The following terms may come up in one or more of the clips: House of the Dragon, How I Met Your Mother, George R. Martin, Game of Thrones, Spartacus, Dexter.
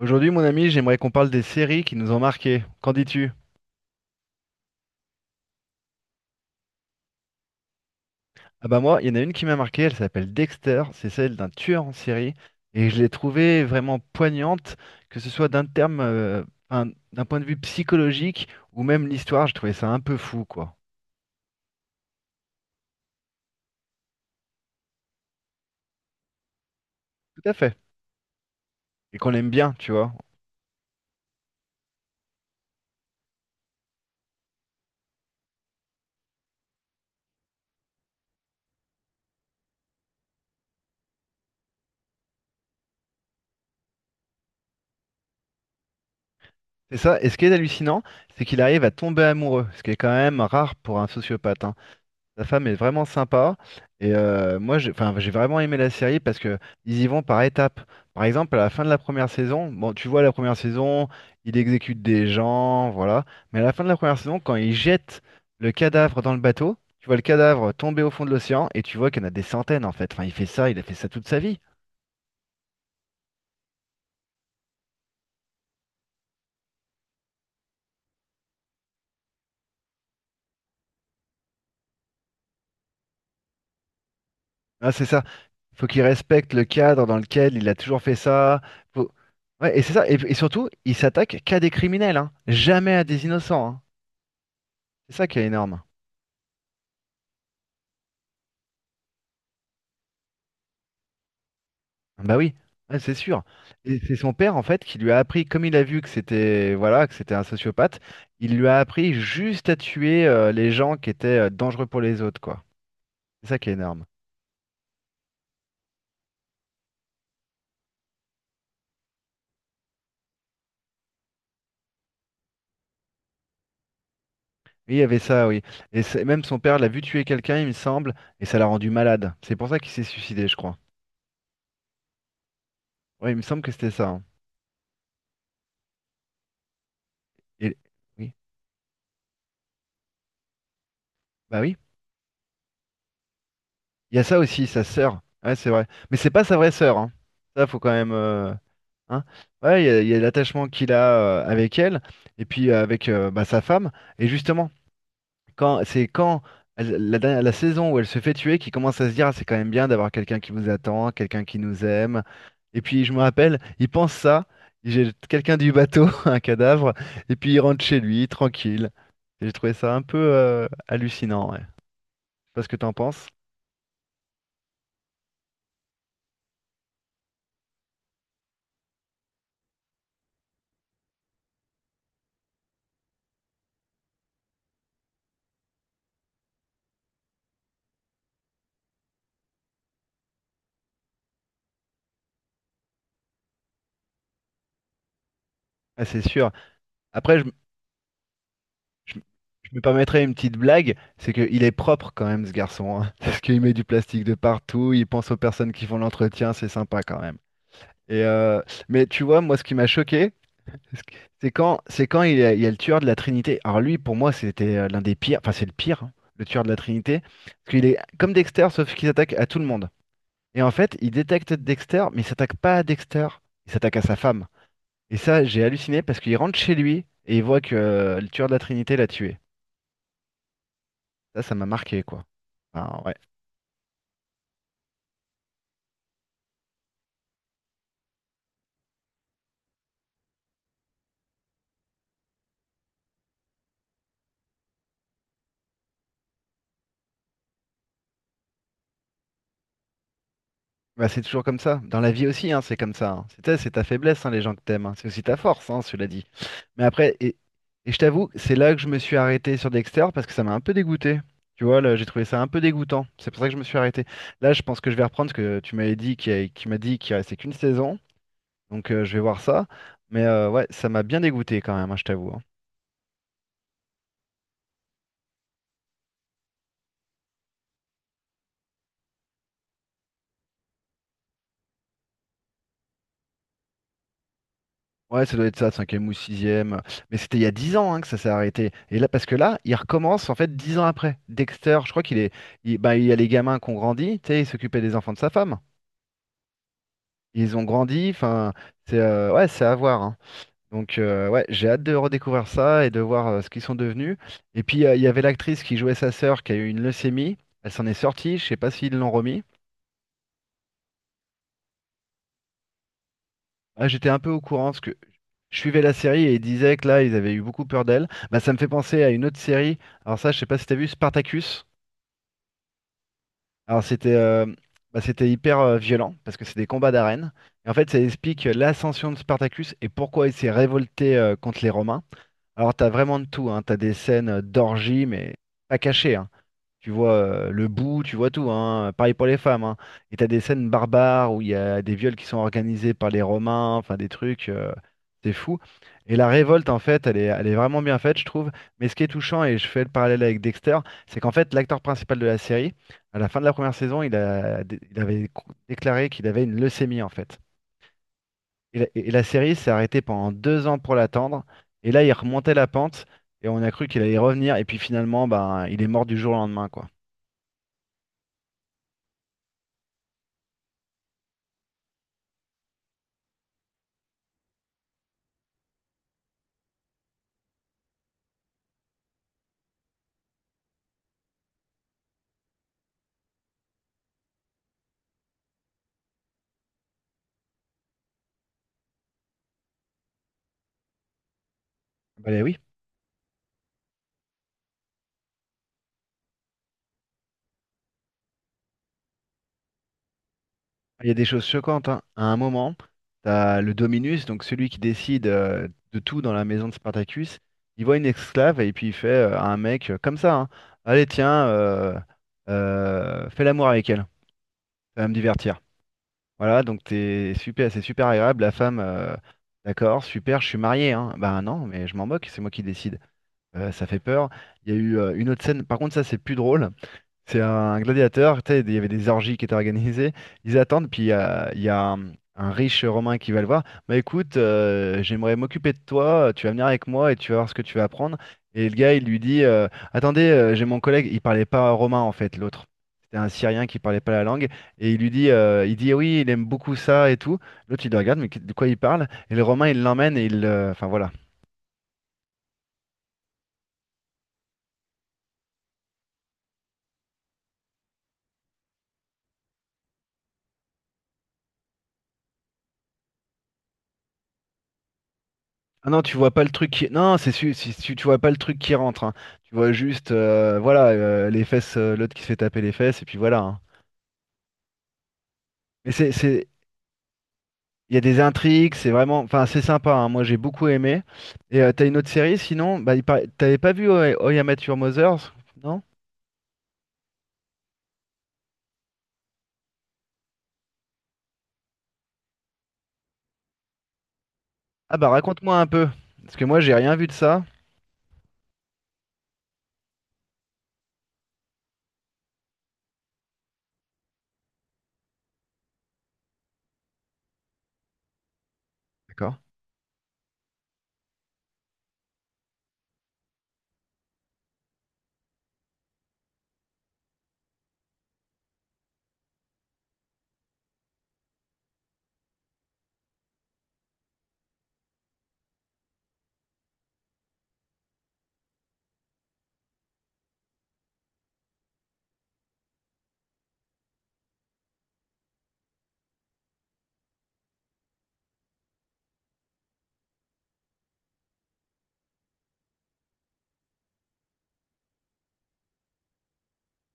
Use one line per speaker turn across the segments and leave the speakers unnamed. Aujourd'hui, mon ami, j'aimerais qu'on parle des séries qui nous ont marqués. Qu'en dis-tu? Ah bah moi, il y en a une qui m'a marqué, elle s'appelle Dexter, c'est celle d'un tueur en série, et je l'ai trouvée vraiment poignante, que ce soit d'un terme, un- d'un point de vue psychologique, ou même l'histoire, je trouvais ça un peu fou, quoi. Tout à fait. Et qu'on l'aime bien, tu vois. C'est ça, et ce qui est hallucinant, c'est qu'il arrive à tomber amoureux, ce qui est quand même rare pour un sociopathe, hein. Sa femme est vraiment sympa. Et moi, j'ai enfin, j'ai vraiment aimé la série parce que ils y vont par étapes. Par exemple, à la fin de la première saison, bon, tu vois, la première saison, il exécute des gens, voilà. Mais à la fin de la première saison, quand il jette le cadavre dans le bateau, tu vois le cadavre tomber au fond de l'océan et tu vois qu'il y en a des centaines en fait. Enfin, il fait ça, il a fait ça toute sa vie. Ah, c'est ça. Faut qu'il respecte le cadre dans lequel il a toujours fait ça. Faut- Ouais, et c'est ça. Et surtout, il s'attaque qu'à des criminels, hein. Jamais à des innocents, hein. C'est ça qui est énorme. Bah oui, ouais, c'est sûr. Et c'est son père en fait qui lui a appris, comme il a vu que c'était voilà, que c'était un sociopathe, il lui a appris juste à tuer les gens qui étaient dangereux pour les autres, quoi. C'est ça qui est énorme. Oui, il y avait ça, oui. Même son père l'a vu tuer quelqu'un, il me semble, et ça l'a rendu malade. C'est pour ça qu'il s'est suicidé, je crois. Oui, il me semble que c'était ça, hein. Et... Oui. Bah oui. Il y a ça aussi, sa sœur. Ouais, c'est vrai. Mais c'est pas sa vraie sœur, hein. Ça, faut quand même, hein. Ouais, il y a, l'attachement qu'il a avec elle et puis avec bah, sa femme. Et justement, quand c'est quand la saison où elle se fait tuer qui commence à se dire, ah, c'est quand même bien d'avoir quelqu'un qui vous attend, quelqu'un qui nous aime. Et puis je me rappelle, il pense ça. Il jette quelqu'un du bateau, un cadavre, et puis il rentre chez lui tranquille. Et j'ai trouvé ça un peu hallucinant. Ouais. Je sais pas ce que t'en penses. Ah, c'est sûr. Après, Je, je me permettrais une petite blague, c'est qu'il est propre quand même ce garçon, hein, parce qu'il met du plastique de partout, il pense aux personnes qui font l'entretien, c'est sympa quand même. Et euh, mais tu vois, moi ce qui m'a choqué, c'est quand, il y a le tueur de la Trinité. Alors lui, pour moi, c'était l'un des pires, enfin c'est le pire, hein, le tueur de la Trinité, parce qu'il est comme Dexter, sauf qu'il s'attaque à tout le monde. Et en fait, il détecte Dexter, mais il s'attaque pas à Dexter, il s'attaque à sa femme. Et ça, j'ai halluciné parce qu'il rentre chez lui et il voit que le tueur de la Trinité l'a tué. Ça m'a marqué, quoi. Ah, ouais. Bah, c'est toujours comme ça. Dans la vie aussi, hein, c'est comme ça, hein. C'est ta faiblesse, hein, les gens que t'aimes, hein. C'est aussi ta force, hein, cela dit. Mais après, et je t'avoue, c'est là que je me suis arrêté sur Dexter parce que ça m'a un peu dégoûté. Tu vois, là, j'ai trouvé ça un peu dégoûtant. C'est pour ça que je me suis arrêté. Là, je pense que je vais reprendre parce que tu m'avais dit qu'il y a- qu'il m'a dit qu'il restait qu'une saison. Donc, je vais voir ça. Mais ouais, ça m'a bien dégoûté quand même, hein, je t'avoue, hein. Ouais, ça doit être ça, cinquième ou sixième. Mais c'était il y a 10 ans hein, que ça s'est arrêté. Et là, parce que là, il recommence en fait 10 ans après. Dexter, je crois qu'il est, il, bah, il y a les gamins qui ont grandi, tu sais, ils s'occupaient des enfants de sa femme. Ils ont grandi, enfin, c'est ouais, c'est à voir, hein. Donc ouais, j'ai hâte de redécouvrir ça et de voir ce qu'ils sont devenus. Et puis il y avait l'actrice qui jouait sa sœur qui a eu une leucémie. Elle s'en est sortie. Je sais pas s'ils l'ont remis. Ah, j'étais un peu au courant parce que je suivais la série et ils disaient que là, ils avaient eu beaucoup peur d'elle. Bah, ça me fait penser à une autre série. Alors ça, je sais pas si t'as vu Spartacus. Alors c'était bah, c'était hyper violent parce que c'est des combats d'arène. Et en fait, ça explique l'ascension de Spartacus et pourquoi il s'est révolté contre les Romains. Alors t'as vraiment de tout, hein. T'as des scènes d'orgie, mais pas cachées, hein. Tu vois le bout, tu vois tout, hein. Pareil pour les femmes, hein. Et t'as des scènes barbares où il y a des viols qui sont organisés par les Romains, enfin des trucs, c'est fou. Et la révolte, en fait, elle est vraiment bien faite, je trouve. Mais ce qui est touchant, et je fais le parallèle avec Dexter, c'est qu'en fait, l'acteur principal de la série, à la fin de la première saison, il avait déclaré qu'il avait une leucémie, en fait. Et la série s'est arrêtée pendant 2 ans pour l'attendre. Et là, il remontait la pente, et on a cru qu'il allait y revenir. Et puis finalement, ben, il est mort du jour au lendemain, quoi. Bah oui. Il y a des choses choquantes, hein. À un moment, t'as le Dominus, donc celui qui décide de tout dans la maison de Spartacus. Il voit une esclave et puis il fait à un mec comme ça, hein, allez, tiens, fais l'amour avec elle, ça va me divertir. Voilà, donc t'es super, c'est super agréable. La femme, d'accord, super, je suis marié, hein. Ben non, mais je m'en moque, c'est moi qui décide. Ça fait peur. Il y a eu une autre scène, par contre, ça c'est plus drôle. C'est un gladiateur, tu sais, il y avait des orgies qui étaient organisées. Ils attendent, puis il y a, un riche Romain qui va le voir. Bah écoute, j'aimerais m'occuper de toi, tu vas venir avec moi et tu vas voir ce que tu vas apprendre. Et le gars, il lui dit, attendez, j'ai mon collègue, il parlait pas romain en fait, l'autre. C'était un Syrien qui parlait pas la langue. Et il lui dit, il dit, oui, il aime beaucoup ça et tout. L'autre, il le regarde, mais de quoi il parle? Et le Romain, il l'emmène et il... Enfin voilà. Ah non, tu vois pas le truc qui... Non, si tu vois pas le truc qui rentre, hein. Tu vois juste voilà, les fesses, l'autre qui se fait taper les fesses, et puis voilà, hein. Mais c'est... Il y a des intrigues, c'est vraiment... Enfin, c'est sympa, hein. Moi, j'ai beaucoup aimé. T'as une autre série, sinon... Bah, t'avais pas vu How I Met Your Mothers, non? Ah bah, raconte-moi un peu. Parce que moi, j'ai rien vu de ça. D'accord,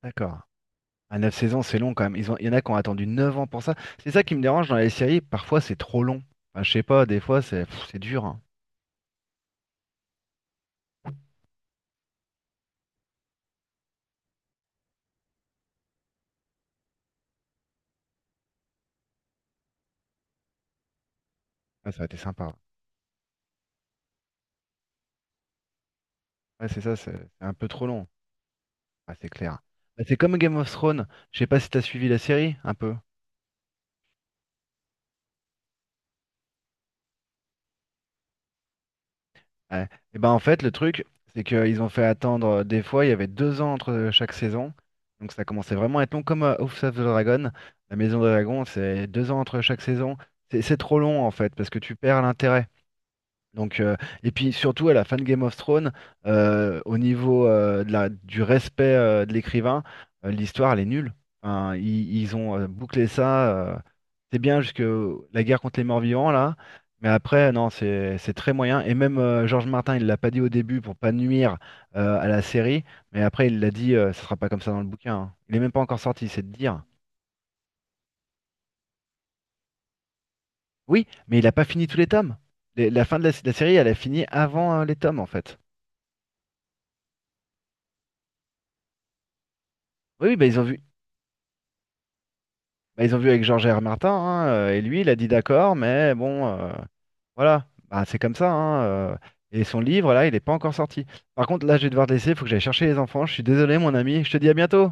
d'accord. À 9 saisons, c'est long quand même. Ils ont... Il y en a qui ont attendu 9 ans pour ça. C'est ça qui me dérange dans les séries. Parfois, c'est trop long. Enfin, je sais pas, des fois, c'est pff, c'est dur, hein. Ah, ça a été sympa, hein. Ouais, c'est ça, c'est un peu trop long. Ah, c'est clair. Bah, c'est comme Game of Thrones. Je sais pas si t'as suivi la série, un peu. Ouais. Et ben en fait, le truc, c'est qu'ils ont fait attendre des fois, il y avait 2 ans entre chaque saison. Donc ça commençait vraiment à être long, comme House of the Dragon. La Maison des Dragons, c'est 2 ans entre chaque saison. C'est trop long en fait, parce que tu perds l'intérêt. Donc, et puis surtout à la fin de Game of Thrones, au niveau du respect de l'écrivain, l'histoire elle est nulle. Enfin, ils ont bouclé ça, c'est bien jusque la guerre contre les morts-vivants là, mais après non, c'est très moyen. Et même George Martin, il l'a pas dit au début pour pas nuire à la série, mais après il l'a dit, ça sera pas comme ça dans le bouquin, hein. Il est même pas encore sorti, c'est de dire. Oui, mais il a pas fini tous les tomes. La fin de la série, elle a fini avant les tomes en fait. Oui, oui, bah, ils ont vu avec Georges R. Martin, hein, et lui, il a dit d'accord, mais bon, voilà, bah, c'est comme ça, hein, et son livre, là, il n'est pas encore sorti. Par contre, là, je vais devoir te laisser, il faut que j'aille chercher les enfants. Je suis désolé, mon ami, je te dis à bientôt.